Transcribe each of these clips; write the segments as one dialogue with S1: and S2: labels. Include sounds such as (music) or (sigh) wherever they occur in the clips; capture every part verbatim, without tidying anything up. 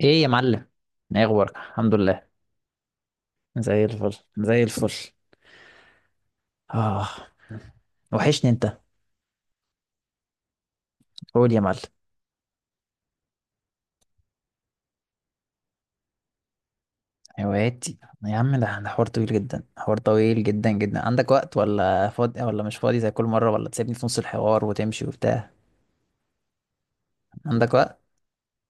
S1: ايه يا معلم؟ ايه اخبارك؟ الحمد لله. زي الفل، زي الفل. اه، وحشني انت. قول يا معلم. هواياتي؟ يا عم، ده ده حوار طويل جدا، حوار طويل جدا جدا. عندك وقت ولا فاضي ولا مش فاضي زي كل مره، ولا تسيبني في نص الحوار وتمشي وبتاع؟ عندك وقت؟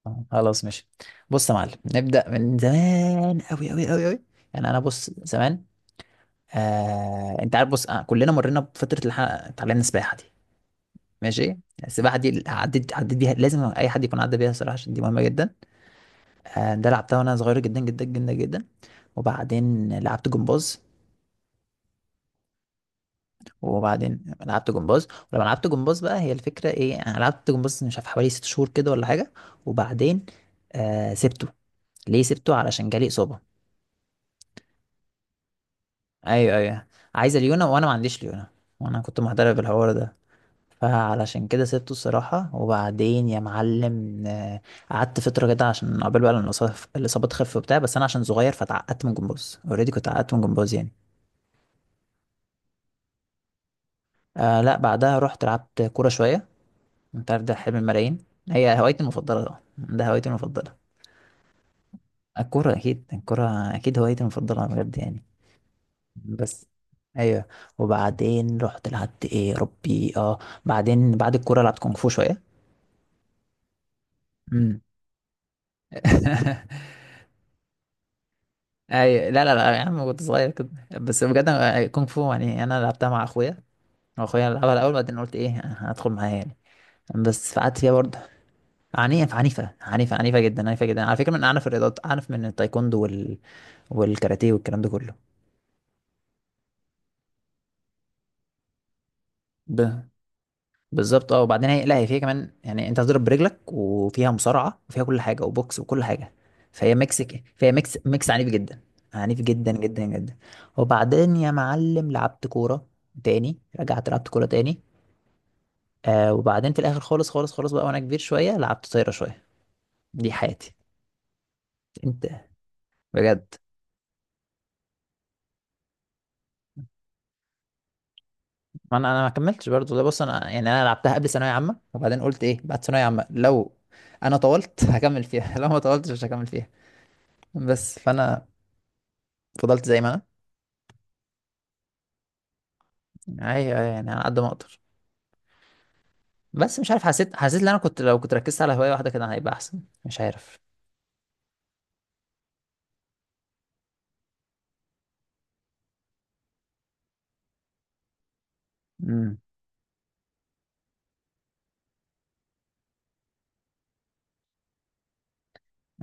S1: آه، خلاص، ماشي. بص يا معلم، نبدا من زمان قوي قوي قوي قوي. يعني انا، بص، زمان، آه، انت عارف، بص، آه، كلنا مرينا بفتره الح... اتعلمنا السباحه دي. ماشي. السباحه دي عديت، عديت بيها، لازم اي حد يكون عدى بيها الصراحه، عشان دي مهمه جدا. آه، ده لعبتها وانا صغير جدا جدا جدا جدا. وبعدين لعبت جمباز. وبعدين لعبت جمباز. ولما لعبت جمباز بقى، هي الفكرة ايه، انا لعبت جمباز مش عارف حوالي ست شهور كده ولا حاجة. وبعدين، آه، سبته. ليه سبته؟ علشان جالي إصابة. ايوه ايوه، عايزة ليونة، وانا ما عنديش ليونة. وانا كنت محترف بالحوار ده. فعلشان كده سبته الصراحة. وبعدين يا معلم، آه، قعدت فترة كده عشان قبل بقى لما الإصابة الإصابة تخف وبتاع، بس أنا عشان صغير فتعقدت من جمباز. أوريدي كنت عقدت من جمباز يعني. آه لا، بعدها رحت لعبت كورة شوية. انت عارف، ده حلم الملايين. هي هوايتي المفضلة طبعا، ده هوايتي المفضلة. الكورة أكيد، الكورة أكيد هوايتي المفضلة بجد يعني. بس أيوه. وبعدين رحت لعبت إيه يا ربي؟ أه، بعدين بعد الكورة لعبت كونغ فو شوية. امم (laughs) أيوه، لا لا لا يا عم، كنت صغير كده. بس بجد أنا- كونغ فو، يعني أنا لعبتها مع أخويا. أخويا لعبها الأول، بعدين قلت إيه، هدخل معايا يعني. بس قعدت فيها برضه. عنيف، عنيفة عنيفة عنيفة جدا، عنيفة جدا على فكرة، من أعنف الرياضات، أعنف من التايكوندو وال... والكاراتيه والكلام ده كله. ب... بالظبط. اه، وبعدين هي، لا هي فيها كمان، يعني أنت هتضرب برجلك، وفيها مصارعة، وفيها كل حاجة، وبوكس وكل حاجة. فهي ميكس ك- فهي ميكس ميكس عنيف جدا، عنيف جدا جدا جدا. وبعدين يا معلم لعبت كورة تاني، رجعت لعبت كورة تاني. آه، وبعدين في الآخر خالص خالص خالص بقى، وأنا كبير شوية، لعبت طايرة شوية. دي حياتي. أنت؟ بجد؟ ما انا، انا ما كملتش برضه. ده بص انا يعني، انا لعبتها قبل ثانويه عامه، وبعدين قلت ايه، بعد ثانويه عامه لو انا طولت هكمل فيها، (laughs) لو ما طولتش مش هكمل فيها. بس فانا فضلت زي ما انا. ايوه، أيوة، يعني على قد ما اقدر. بس مش عارف، حسيت، حسيت ان انا كنت، لو كنت ركزت على هوايه واحده كده هيبقى احسن، مش عارف. امم.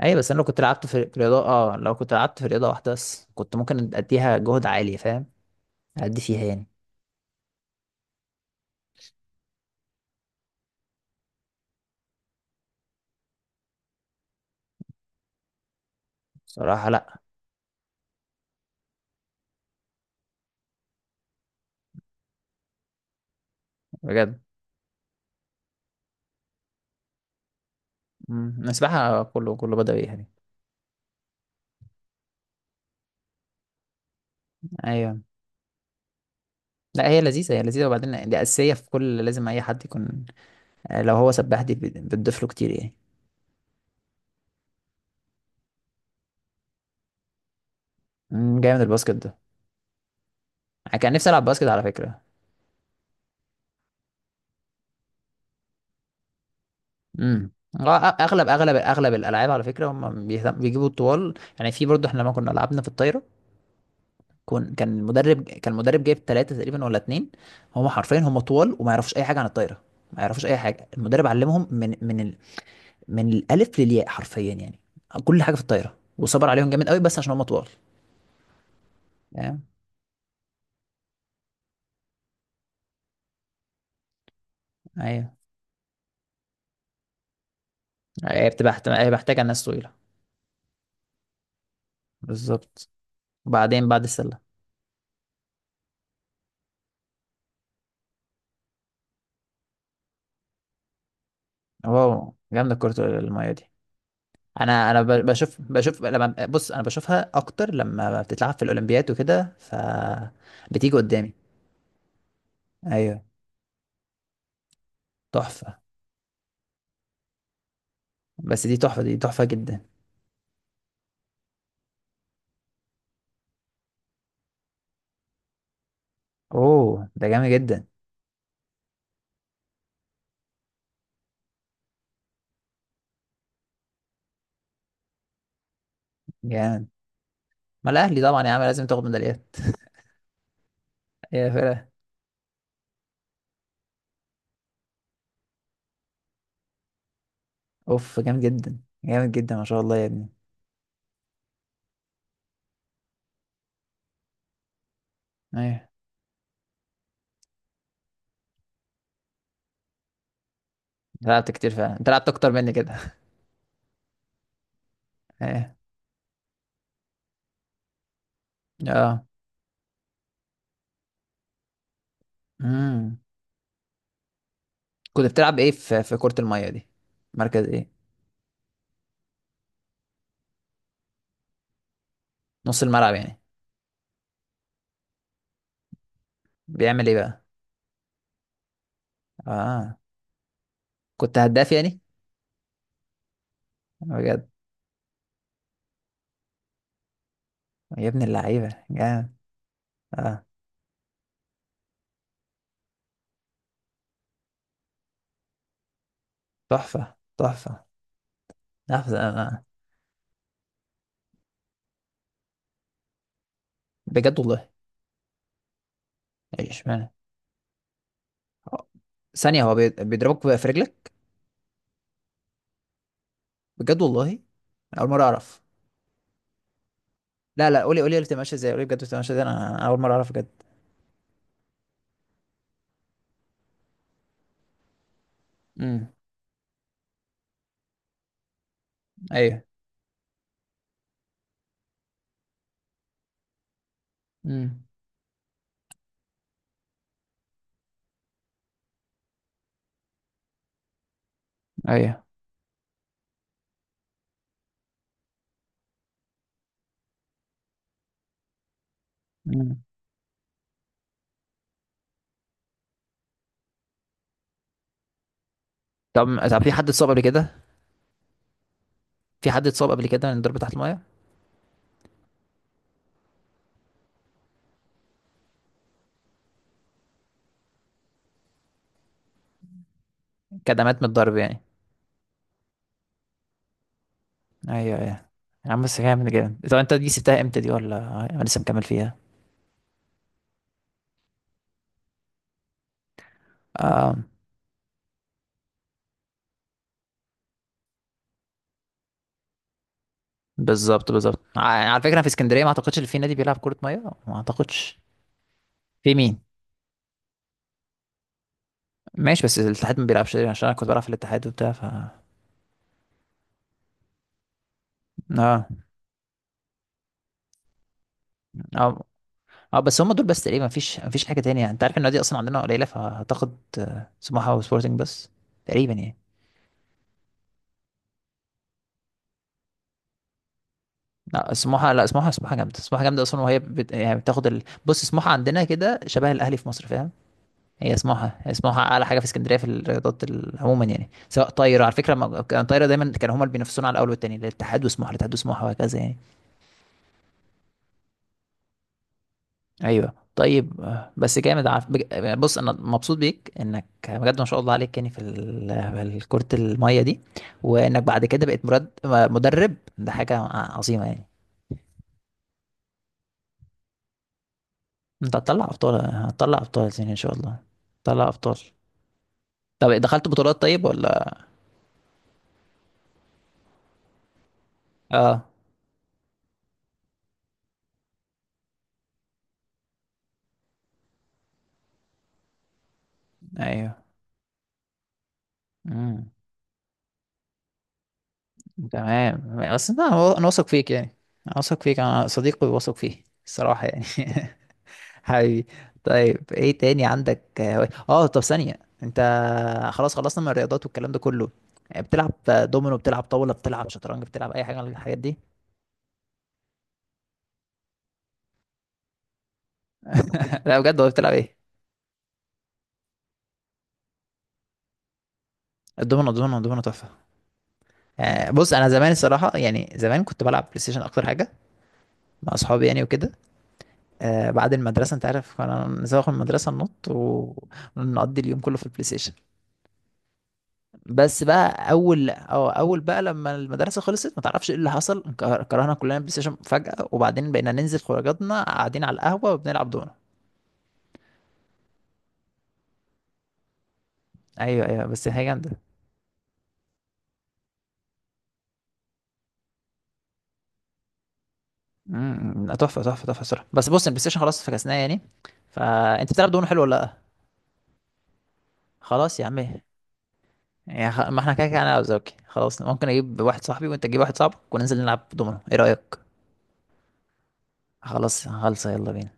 S1: ايوه، بس انا لو كنت لعبت في في رياضه، اه لو كنت لعبت في رياضه واحده بس كنت ممكن اديها جهد عالي، فاهم؟ ادي فيها يعني. صراحه لا. بجد. امم. السباحه، كله كله بدأ يعني. ايوه، لا هي لذيذة، هي لذيذة، وبعدين دي أساسية في كل، لازم أي حد يكون. آه، لو هو سباح دي بت- بتضيف له كتير يعني. مم، جامد الباسكت ده. أنا كان نفسي ألعب باسكت على فكرة. امم. أغلب أغلب أغلب الألعاب على فكرة، هم بيهتم- بيجيبوا الطوال يعني. في برضه، إحنا لما كنا لعبنا في الطايرة، كون كان المدرب كان المدرب جايب ثلاثة تقريبا ولا اتنين، هم حرفيا هم طوال، وما يعرفوش أي حاجة عن الطايرة، ما يعرفوش أي حاجة. المدرب علمهم من من ال... من الألف للياء حرفيا يعني، كل حاجة في الطايرة، وصبر عليهم جامد قوي، بس عشان هم طوال. فاهم؟ أيوة. هي بتبقى محت- هي محتاجة ناس طويلة. بالظبط. وبعدين بعد السلة. واو، جامدة كرة المية دي. انا انا ب- بشوف، بشوف لما بص انا بشوفها اكتر لما بتتلعب في الاولمبياد وكده، ف بتيجي قدامي. ايوه. تحفة. بس دي تحفة، دي تحفة جدا. اوه، ده جامد جدا، جامد. ما الاهلي طبعا يا عم لازم تاخد ميداليات. (laughs) يا فرقة. اوف، جامد جدا، جامد جدا، ما شاء الله يا ابني. ايوه. أنت لعبت كتير فعلا، انت لعبت اكتر مني كده. (laughs) ايوه. اه. امم. كنت بتلعب ايه في في كرة المية دي؟ مركز ايه؟ نص الملعب يعني؟ بيعمل ايه بقى؟ اه. كنت هداف يعني؟ بجد؟ يا ابن اللعيبة، جامد. اه. تحفة تحفة تحفة. آه. بجد والله. ايش معنى؟ ثانية، هو بي- بيضربك في رجلك؟ بجد والله؟ اول مرة اعرف. لا لا، قولي قولي اللي بتبقى ماشية ازاي، قولي بجد بتبقى ماشية ازاي، انا أنا اول مرة اعرف بجد. امم. ايوه. امم. ايوه. امم. طب، طب في حد اتصاب قبل كده؟ في حد اتصاب قبل كده من الضرب تحت المية؟ كدمات من الضرب يعني؟ ايوه ايوه. يا عم بس جامد، جامد. طب انت دي سبتها امتى دي، ولا انا لسه مكمل فيها؟ آه. بالظبط، بالظبط، ع- يعني على فكره في اسكندريه ما اعتقدش ان في نادي بيلعب كره ميه. ما اعتقدش. في مين؟ ماشي، بس الاتحاد ما بيلعبش تقريباً، عشان انا كنت بلعب في الاتحاد وبتاع ف. اه. اه. اه بس هم دول بس تقريبا، مفيش مفيش حاجه تانية، انت عارف ان النادي اصلا عندنا قليله، فهتاخد آه، سموحه وسبورتنج بس تقريبا يعني. لا، سموحه، لا سموحه، سموحه جامده، سموحه جامده اصلا، وهي بت... يعني بتاخد ال... بص سموحه عندنا كده شبه الاهلي في مصر، فاهم؟ هي سموحة، هي سموحة أعلى حاجة في اسكندرية في الرياضات ال- عموما يعني، سواء طايرة على فكرة، ما- كان طايرة دايما كانوا هما اللي بينافسونا على الأول والتاني، الاتحاد وسموحة، الاتحاد وسموحة، وهكذا يعني. أيوه طيب. آه، بس جامد. عارف بج- بص، أنا مبسوط بيك إنك بجد ما شاء الله عليك يعني في ال- في كرة المية دي، وإنك بعد كده بقيت مرد مدرب، ده حاجة عظيمة يعني. أنت هتطلع أبطال، هتطلع أبطال يعني إن شاء الله، هتطلع أبطال. طب دخلت بطولات طيب ولا؟ آه. أيوه. مم. تمام. بس انت، انا انا واثق فيك يعني، انا واثق فيك، انا صديقي واثق فيه الصراحة يعني. (laughs) حبيبي. طيب ايه تاني عندك؟ اه، آه، طب ثانية، انت، خلاص، خلصنا من الرياضات والكلام ده كله، بتلعب دومينو، بتلعب طاولة، بتلعب شطرنج، بتلعب اي حاجة من الحاجات دي؟ (laughs) لا بجد، هو بتلعب ايه؟ الدومينو، الدومينو، الدومينو تحفة. آه، بص انا زمان الصراحة يعني، زمان كنت بلعب بلاي ستيشن اكتر حاجة، مع اصحابي يعني وكده. آه، بعد المدرسة، انت عارف، كنا نزوغ من المدرسة ننط، ونقضي اليوم كله في البلاي ستيشن. بس بقى اول، أو اول بقى لما المدرسه خلصت، ما تعرفش ايه اللي حصل، انك- كرهنا كلنا بلاي ستيشن فجاه، وبعدين بقينا ننزل خروجاتنا قاعدين على القهوه وبنلعب دومنا. ايوه ايوه، بس هي جامده. امم. لا، تحفه تحفه تحفه صراحه. بس بص، البلاي ستيشن خلاص فكسناه يعني. فانت بتلعب دومنا حلو ولا لا؟ خلاص يا عم، إيه؟ يعني خ... ما احنا كده كده انا وزوكي، خلاص، ممكن اجيب واحد صاحبي وانت تجيب واحد صاحبك وننزل نلعب دومنا، ايه رايك؟ خلاص، خلصه، يلا بينا.